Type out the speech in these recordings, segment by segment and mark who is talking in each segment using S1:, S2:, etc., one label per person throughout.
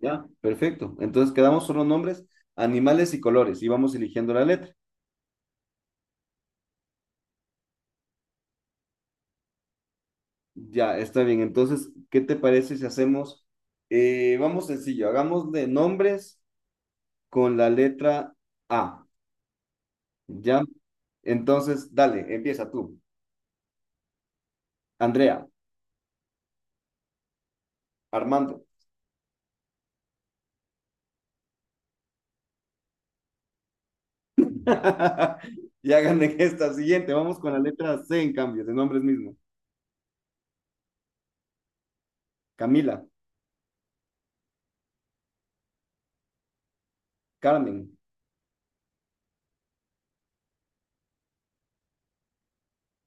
S1: Ya, perfecto. Entonces quedamos solo nombres, animales y colores y vamos eligiendo la letra. Ya, está bien. Entonces, ¿qué te parece si hacemos, vamos sencillo, hagamos de nombres con la letra A. Ya. Entonces, dale, empieza tú. Andrea, Armando. Y hagan en esta siguiente. Vamos con la letra C en cambio, de nombres mismos. Camila, Carmen,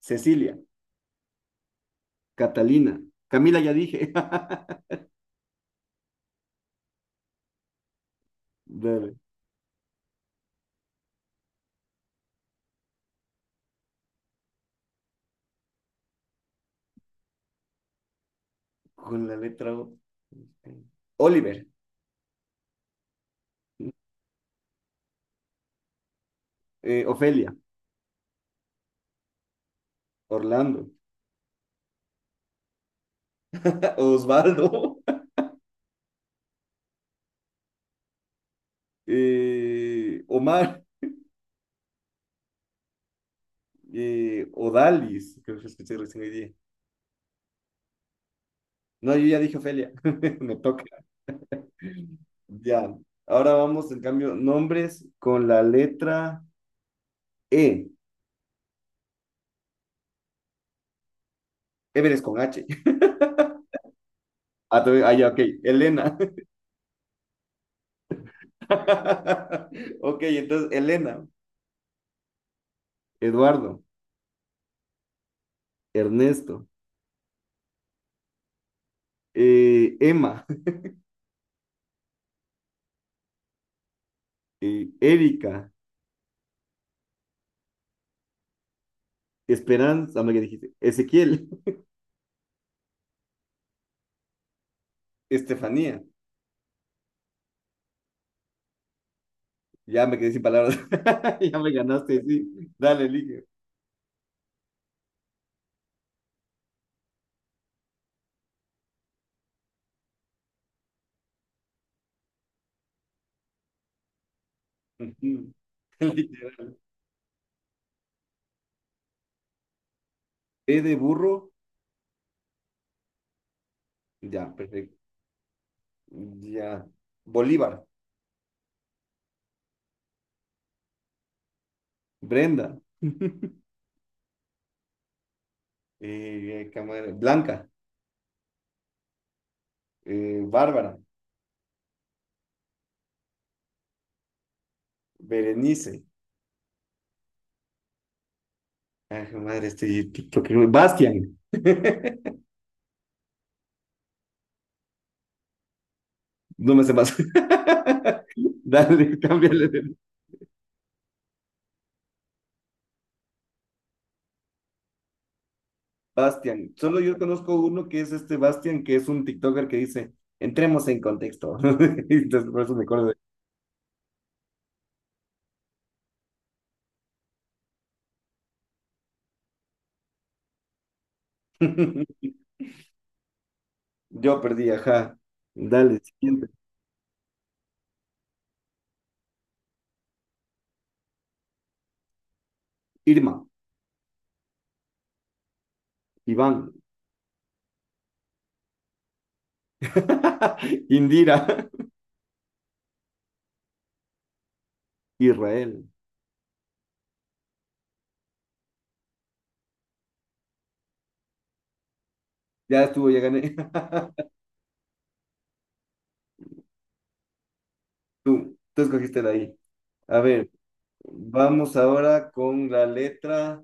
S1: Cecilia, Catalina. Camila ya dije. Dale, con la letra O. Este, Oliver, Ofelia, Orlando, Osvaldo, Omar, Odalis, creo que escuché recién hoy día. No, yo ya dije Ofelia, me toca. Ya. Ahora vamos, en cambio, nombres con la letra E. Everest con H. Ah, ah, ya, ok. Elena. Ok, entonces, Elena, Eduardo, Ernesto, Emma, Erika, Esperanza, me dijiste, Ezequiel, Estefanía. Ya me quedé sin palabras. Ya me ganaste, sí. Dale, elige. Literal. E de burro. Ya, perfecto. Ya. Bolívar. Brenda. Qué madre, Blanca. Bárbara. Berenice. Ay, qué madre, este TikTok. Bastian. No me sé más. Dale, cámbiale de Bastian. Solo yo conozco uno que es este Bastian, que es un TikToker que dice, entremos en contexto. Entonces, por eso me acuerdo de- Yo perdí, ajá. Dale, siguiente. Irma, Iván, Indira, Israel. Ya estuvo, ya gané. Tú escogiste de ahí. A ver, vamos ahora con la letra.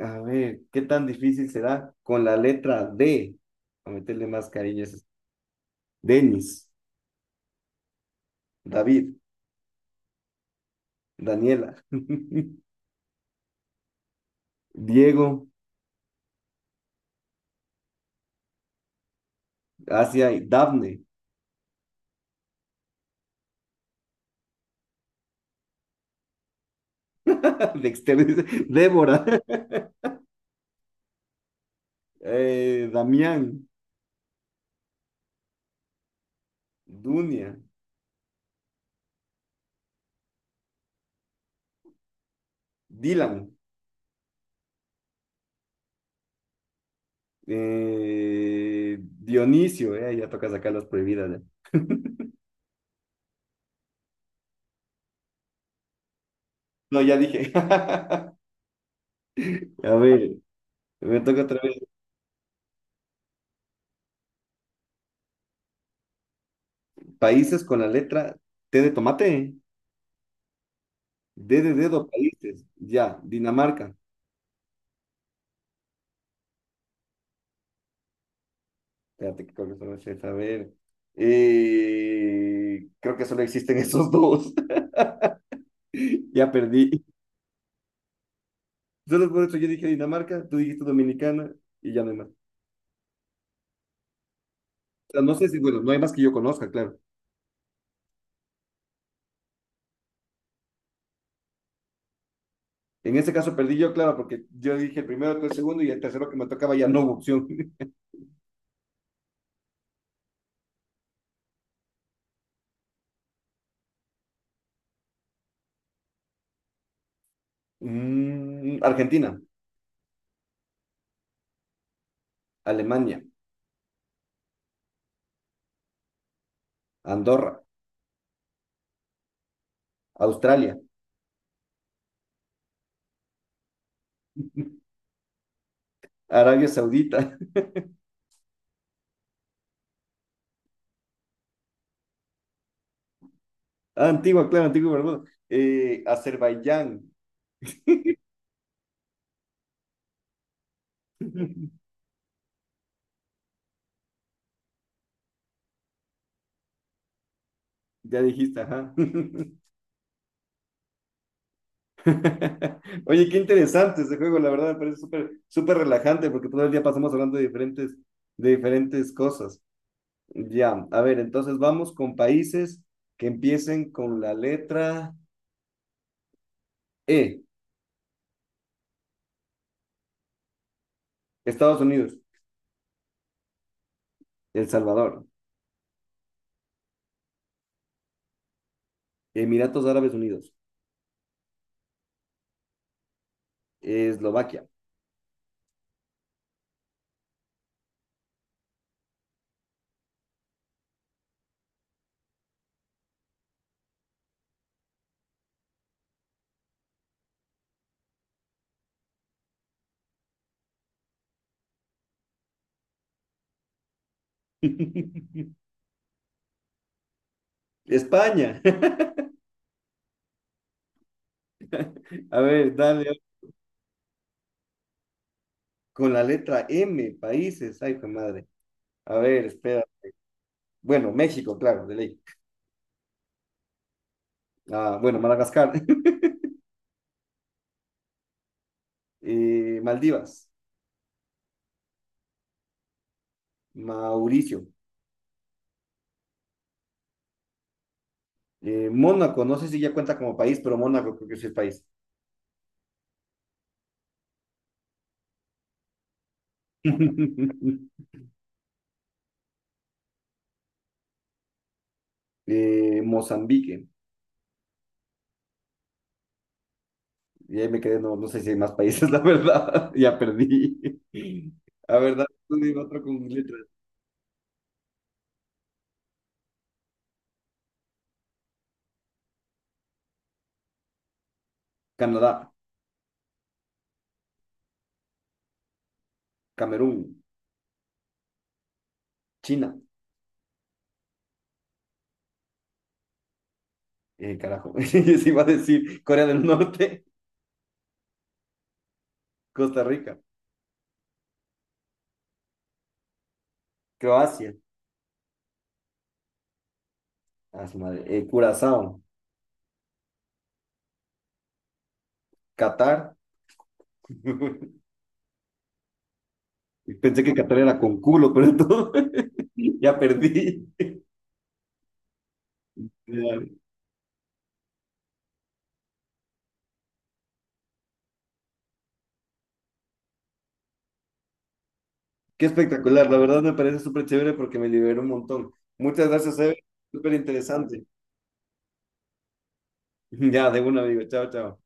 S1: A ver, ¿qué tan difícil será? Con la letra D. A meterle más cariño a esas. Denis, David, Daniela. Diego, Asia, y Dafne, Dexter, dice, Débora, Damián, Dunia, Dylan, Dionisio, ya toca sacar las prohibidas. Ya. No, ya dije. A ver, me toca otra vez. Países con la letra T de tomate, D de dedo, países, ya, Dinamarca. Espérate, que creo que solo es esa, a ver. Creo que solo existen esos dos. Ya perdí. Entonces, por eso yo dije Dinamarca, tú dijiste Dominicana y ya no hay más. O sea, no sé si, bueno, no hay más que yo conozca, claro. En ese caso perdí yo, claro, porque yo dije el primero, tú el segundo y el tercero que me tocaba ya no hubo opción. Mm, Argentina, Alemania, Andorra, Australia, Arabia Saudita, Ah, Antigua, claro, Antigua y Barbuda. Azerbaiyán, ya dijiste, ajá. Oye, qué interesante ese juego, la verdad, me parece súper, súper relajante porque todo el día pasamos hablando de de diferentes cosas. Ya, a ver, entonces vamos con países que empiecen con la letra E. Estados Unidos, El Salvador, Emiratos Árabes Unidos, Eslovaquia, España. A ver, dale, con la letra M, países. Ay, qué madre. A ver, espera. Bueno, México, claro, de ley. Ah, bueno, Madagascar, Maldivas, Mauricio, Mónaco, no sé si ya cuenta como país, pero Mónaco creo que sí es país. Mozambique. Y ahí me quedé, no sé si hay más países, la verdad. Ya perdí. A ver, dale, tú dime otro con letras. Canadá, Camerún, China. Carajo. Se iba a decir Corea del Norte, Costa Rica, Croacia, a su madre, Curazao, Qatar. Pensé que Qatar era con culo, pero todo. Ya perdí. Dale. Qué espectacular, la verdad me parece súper chévere porque me liberó un montón. Muchas gracias, Eve. Súper interesante. Ya, de una, amigo. Chao, chao.